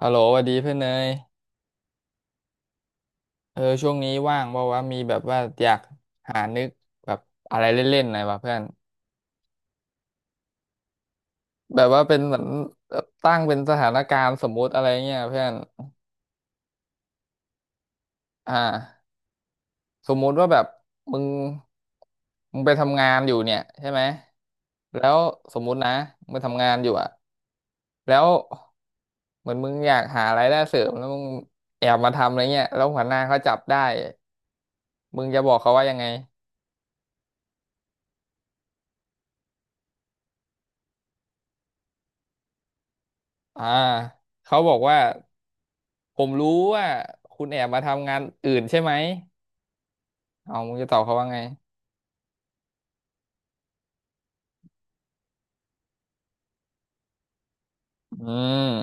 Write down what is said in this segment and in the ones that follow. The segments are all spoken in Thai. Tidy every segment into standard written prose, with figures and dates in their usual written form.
ฮัลโหลสวัสดีเพื่อนเนยเออช่วงนี้ว่างบอกว่าวะมีแบบว่าอยากหานึกแบบอะไรเล่นๆหน่อยวะเพื่อนแบบว่าเป็นเหมือนตั้งเป็นสถานการณ์สมมุติอะไรเงี้ยเพื่อนอ่าสมมุติว่าแบบมึงมึงไปทำงานอยู่เนี่ยใช่ไหมแล้วสมมุตินะมึงไปทำงานอยู่อะแล้วเหมือนมึงอยากหารายได้เสริมแล้วมึงแอบมาทำอะไรเงี้ยแล้วหัวหน้าเขาจับได้มึงจะบอกเขาว่ายังไงอ่าเขาบอกว่า ผมรู้ว่าคุณแอบมาทำงานอื่นใช่ไหมเอามึงจะตอบเขาว่าไงอืม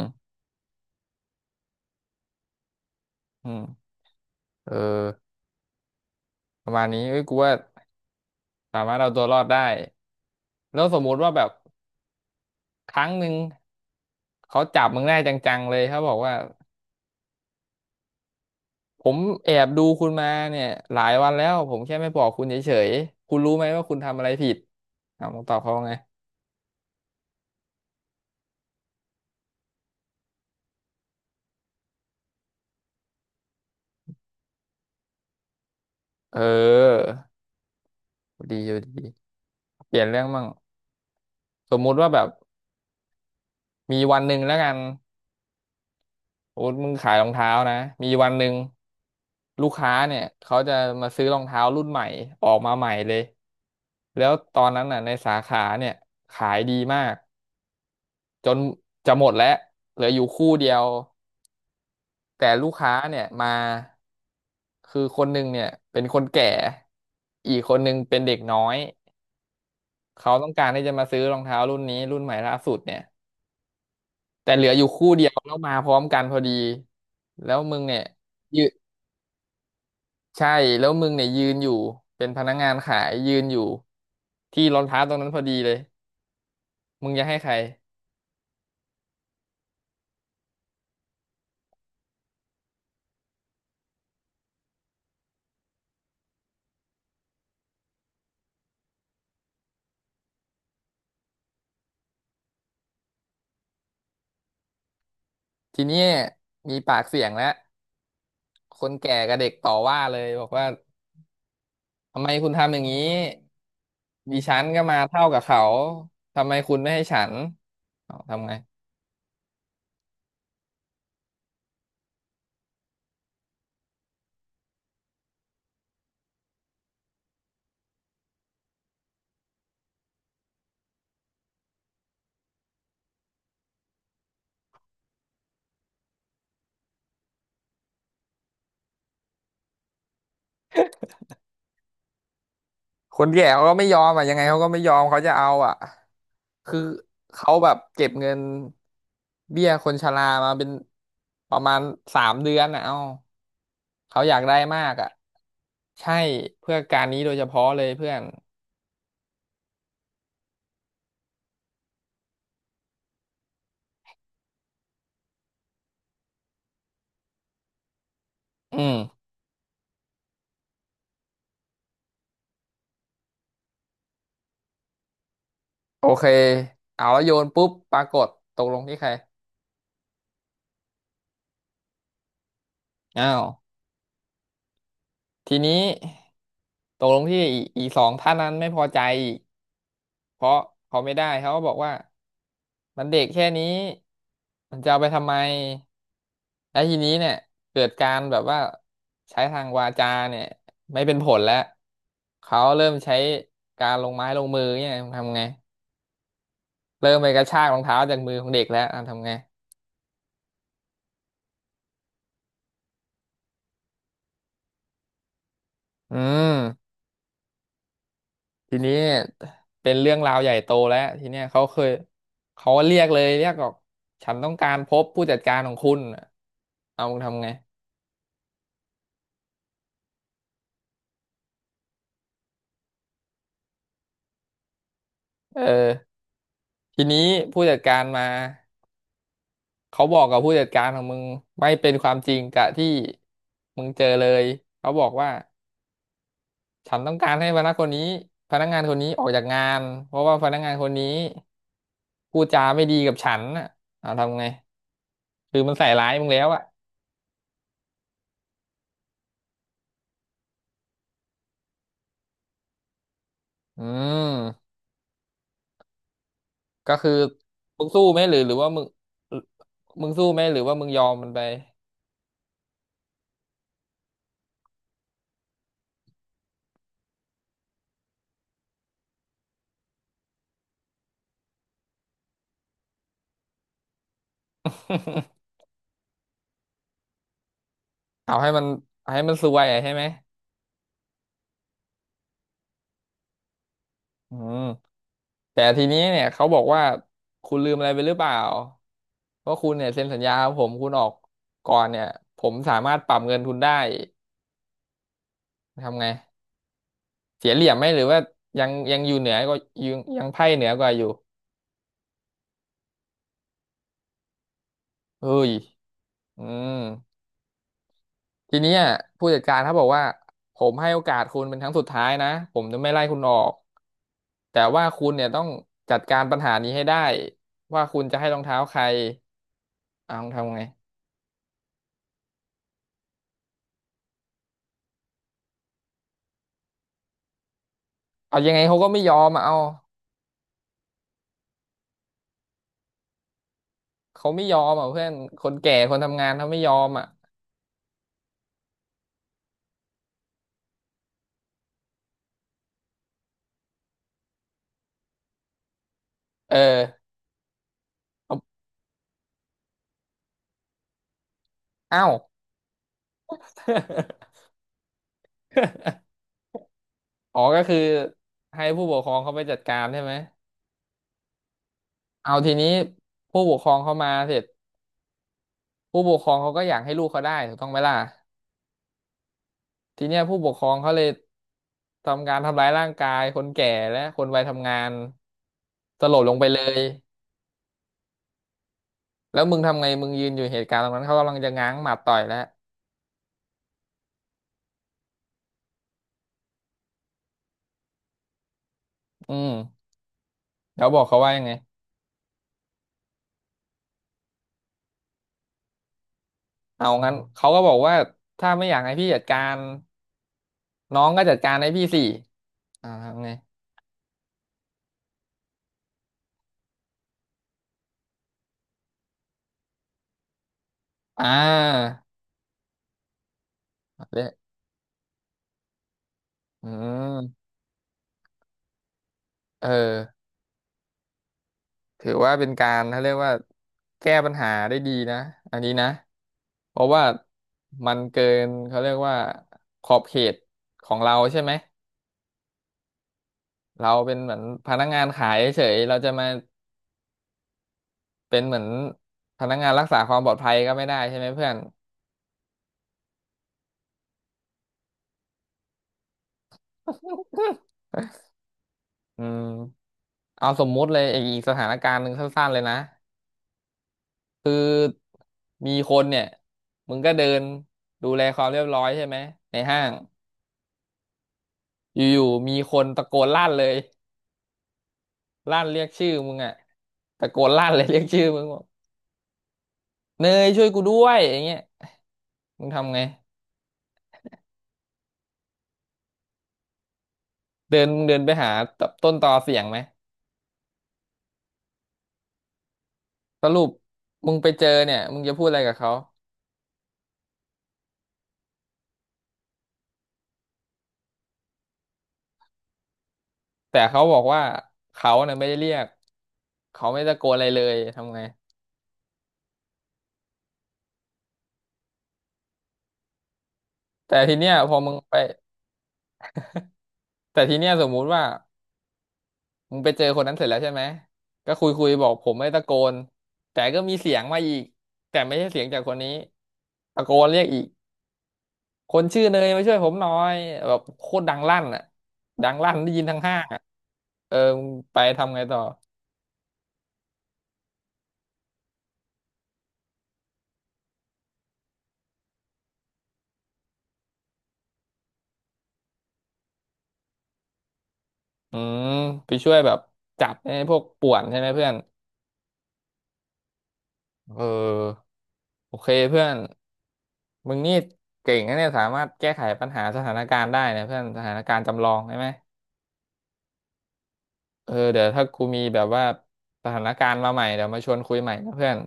อืมเออประมาณนี้เอ้ยกูว่าสามารถเอาตัวรอดได้แล้วสมมุติว่าแบบครั้งหนึ่งเขาจับมึงได้จังๆเลยเขาบอกว่าผมแอบดูคุณมาเนี่ยหลายวันแล้วผมแค่ไม่บอกคุณเฉยๆคุณรู้ไหมว่าคุณทำอะไรผิดเอามึงตอบเขาว่าไงเออดีอยู่ดีเปลี่ยนเรื่องมั่งสมมุติว่าแบบมีวันหนึ่งแล้วกัน โอ๊ตมึงขายรองเท้านะมีวันหนึ่งลูกค้าเนี่ยเขาจะมาซื้อรองเท้ารุ่นใหม่ออกมาใหม่เลยแล้วตอนนั้นน่ะในสาขาเนี่ยขายดีมากจนจะหมดแล้วเหลืออยู่คู่เดียวแต่ลูกค้าเนี่ยมาคือคนหนึ่งเนี่ยเป็นคนแก่อีกคนหนึ่งเป็นเด็กน้อยเขาต้องการที่จะมาซื้อรองเท้ารุ่นนี้รุ่นใหม่ล่าสุดเนี่ยแต่เหลืออยู่คู่เดียวแล้วมาพร้อมกันพอดีแล้วมึงเนี่ย ใช่แล้วมึงเนี่ยยืนอยู่เป็นพนักงานขายยืนอยู่ที่รองเท้าตรงนั้นพอดีเลยมึงจะให้ใครทีเนี้ยมีปากเสียงแล้วคนแก่กับเด็กต่อว่าเลยบอกว่าทำไมคุณทำอย่างนี้ดิฉันก็มาเท่ากับเขาทำไมคุณไม่ให้ฉันเอาทำไง คนแก่เขาก็ไม่ยอมอ่ะยังไงเขาก็ไม่ยอมเขาจะเอาอ่ะคือเขาแบบเก็บเงินเบี้ยคนชรามาเป็นประมาณ3 เดือนอ่ะเอ้าเขาอยากได้มากอ่ะใช่เพื่อการนี้โดยเฉพาะเลยเพื่อนอืมโอเคเอาแล้วโยนปุ๊บปรากฏตกลงที่ใครอ้าวทีนี้ตกลงที่อีสองท่านนั้นไม่พอใจ เพราะเขาไม่ได้เขาก็บอกว่ามันเด็กแค่นี้มันจะเอาไปทำไมแล้วทีนี้เนี่ยเกิดการแบบว่าใช้ทางวาจาเนี่ยไม่เป็นผลแล้วเขาเริ่มใช้การลงไม้ลงมือเนี่ยทำไงเริ่มไปกระชากรองเท้าจากมือของเด็กแล้วอ่ะทำไงอืมทีนี้เนี่ยเป็นเรื่องราวใหญ่โตแล้วทีเนี้ยเขาเคยเขาเรียกเลยเรียกบอกฉันต้องการพบผู้จัดการของคุณเอามึงทำไงเออ ทีนี้ผู้จัดการมาเขาบอกกับผู้จัดการของมึงไม่เป็นความจริงกับที่มึงเจอเลยเขาบอกว่าฉันต้องการให้พนักคนนี้พนักงานคนนี้ออกจากงานเพราะว่าพนักงานคนนี้พูดจาไม่ดีกับฉันน่ะเอาทำไงคือมันใส่ร้ายมึงแล้วอ่ะอืมก็คือมึงสู้ไหมหรือว่ามึงมึงสู้ไหมหรือว่ามึงยอมมันไป เอาให้มันให้มันซวยอะใช่ไหมอืม แต่ทีนี้เนี่ยเขาบอกว่าคุณลืมอะไรไปหรือเปล่าว่าคุณเนี่ยเซ็นสัญญากับผมคุณออกก่อนเนี่ยผมสามารถปรับเงินทุนได้ทำไงเสียเหลี่ยมไหมหรือว่ายังอยู่เหนือก็ยังไพ่เหนือกว่าอยู่เฮ้ยอืมทีเนี้ยผู้จัดการเขาบอกว่าผมให้โอกาสคุณเป็นครั้งสุดท้ายนะผมจะไม่ไล่คุณออกแต่ว่าคุณเนี่ยต้องจัดการปัญหานี้ให้ได้ว่าคุณจะให้รองเท้าใครเอาทำไงเอายังไงเขาก็ไม่ยอมอะเอา เขาไม่ยอมอ่ะเพื่อนคนแก่คนทำงานเขาไม่ยอมอ่ะเออเอา อ้าว อ๋อก็คือให้ผู้ปกครองเขาไปจัดการใช่ไหมเอาทีนี้ผู้ปกครองเขามาเสร็จผู้ปกครองเขาก็อยากให้ลูกเขาได้ถูกต้องไหมล่ะทีเนี้ยผู้ปกครองเขาเลยทำการทำร้ายร่างกายคนแก่และคนวัยทำงานสลบลงไปเลยแล้วมึงทำไงมึงยืนอยู่เหตุการณ์ตรงนั้นเขากำลังจะง้างหมัดต่อยแล้วอืมแล้วบอกเขาว่ายังไง เอางั้นเขาก็บอกว่าถ้าไม่อยากให้พี่จัดการน้องก็จัดการให้พี่สิทำไงอ่าเละอืมเออถือว่าเป็นการเขาเรียกว่าแก้ปัญหาได้ดีนะอันนี้นะเพราะว่ามันเกินเขาเรียกว่าขอบเขตของเราใช่ไหมเราเป็นเหมือนพนักงานขายเฉยเราจะมาเป็นเหมือนพนักงานรักษาความปลอดภัยก็ไม่ได้ใช่ไหมเพื่อนอืมเอาสมมุติเลยอีกสถานการณ์หนึ่งสั้นๆเลยนะ คือมีคนเนี่ยมึงก็เดินดูแลความเรียบร้อยใช่ไหมในห้างอยู่ๆมีคนตะโกนลั่นเลยลั่นเรียกชื่อมึงอะตะโกนลั่นเลยเรียกชื่อมึงบอกเนยช่วยกูด้วยอย่างเงี้ยมึงทำไงเดินมึงเดินไปหาต้นตอเสียงไหมสรุปมึงไปเจอเนี่ยมึงจะพูดอะไรกับเขาแต่เขาบอกว่าเขาเนี่ยไม่ได้เรียกเขาไม่ตะโกนอะไรเลยทำไงแต่ทีเนี้ยพอมึงไปแต่ทีเนี้ยสมมุติว่า มึงไปเจอคนนั้นเสร็จแล้วใช่ไหมก็คุยคุยบอกผมไม่ตะโกนแต่ก็มีเสียงมาอีกแต่ไม่ใช่เสียงจากคนนี้ตะโกนเรียกอีกคนชื่อเนยมาช่วยผมหน่อยแบบโคตรดังลั่นอ่ะดังลั่นได้ยินทั้งห้างอ่ะเออมึงไปทำไงต่ออืมไปช่วยแบบจับไอ้พวกป่วนใช่ไหมเพื่อนเออโอเคเพื่อนมึงนี่เก่งนะเนี่ยสามารถแก้ไขปัญหาสถานการณ์ได้นะเพื่อนสถานการณ์จำลองใช่ไหม เออเดี๋ยวถ้ากูมีแบบว่าสถานการณ์มาใหม่เดี๋ยวมาชวนคุยใหม่นะเพื่อน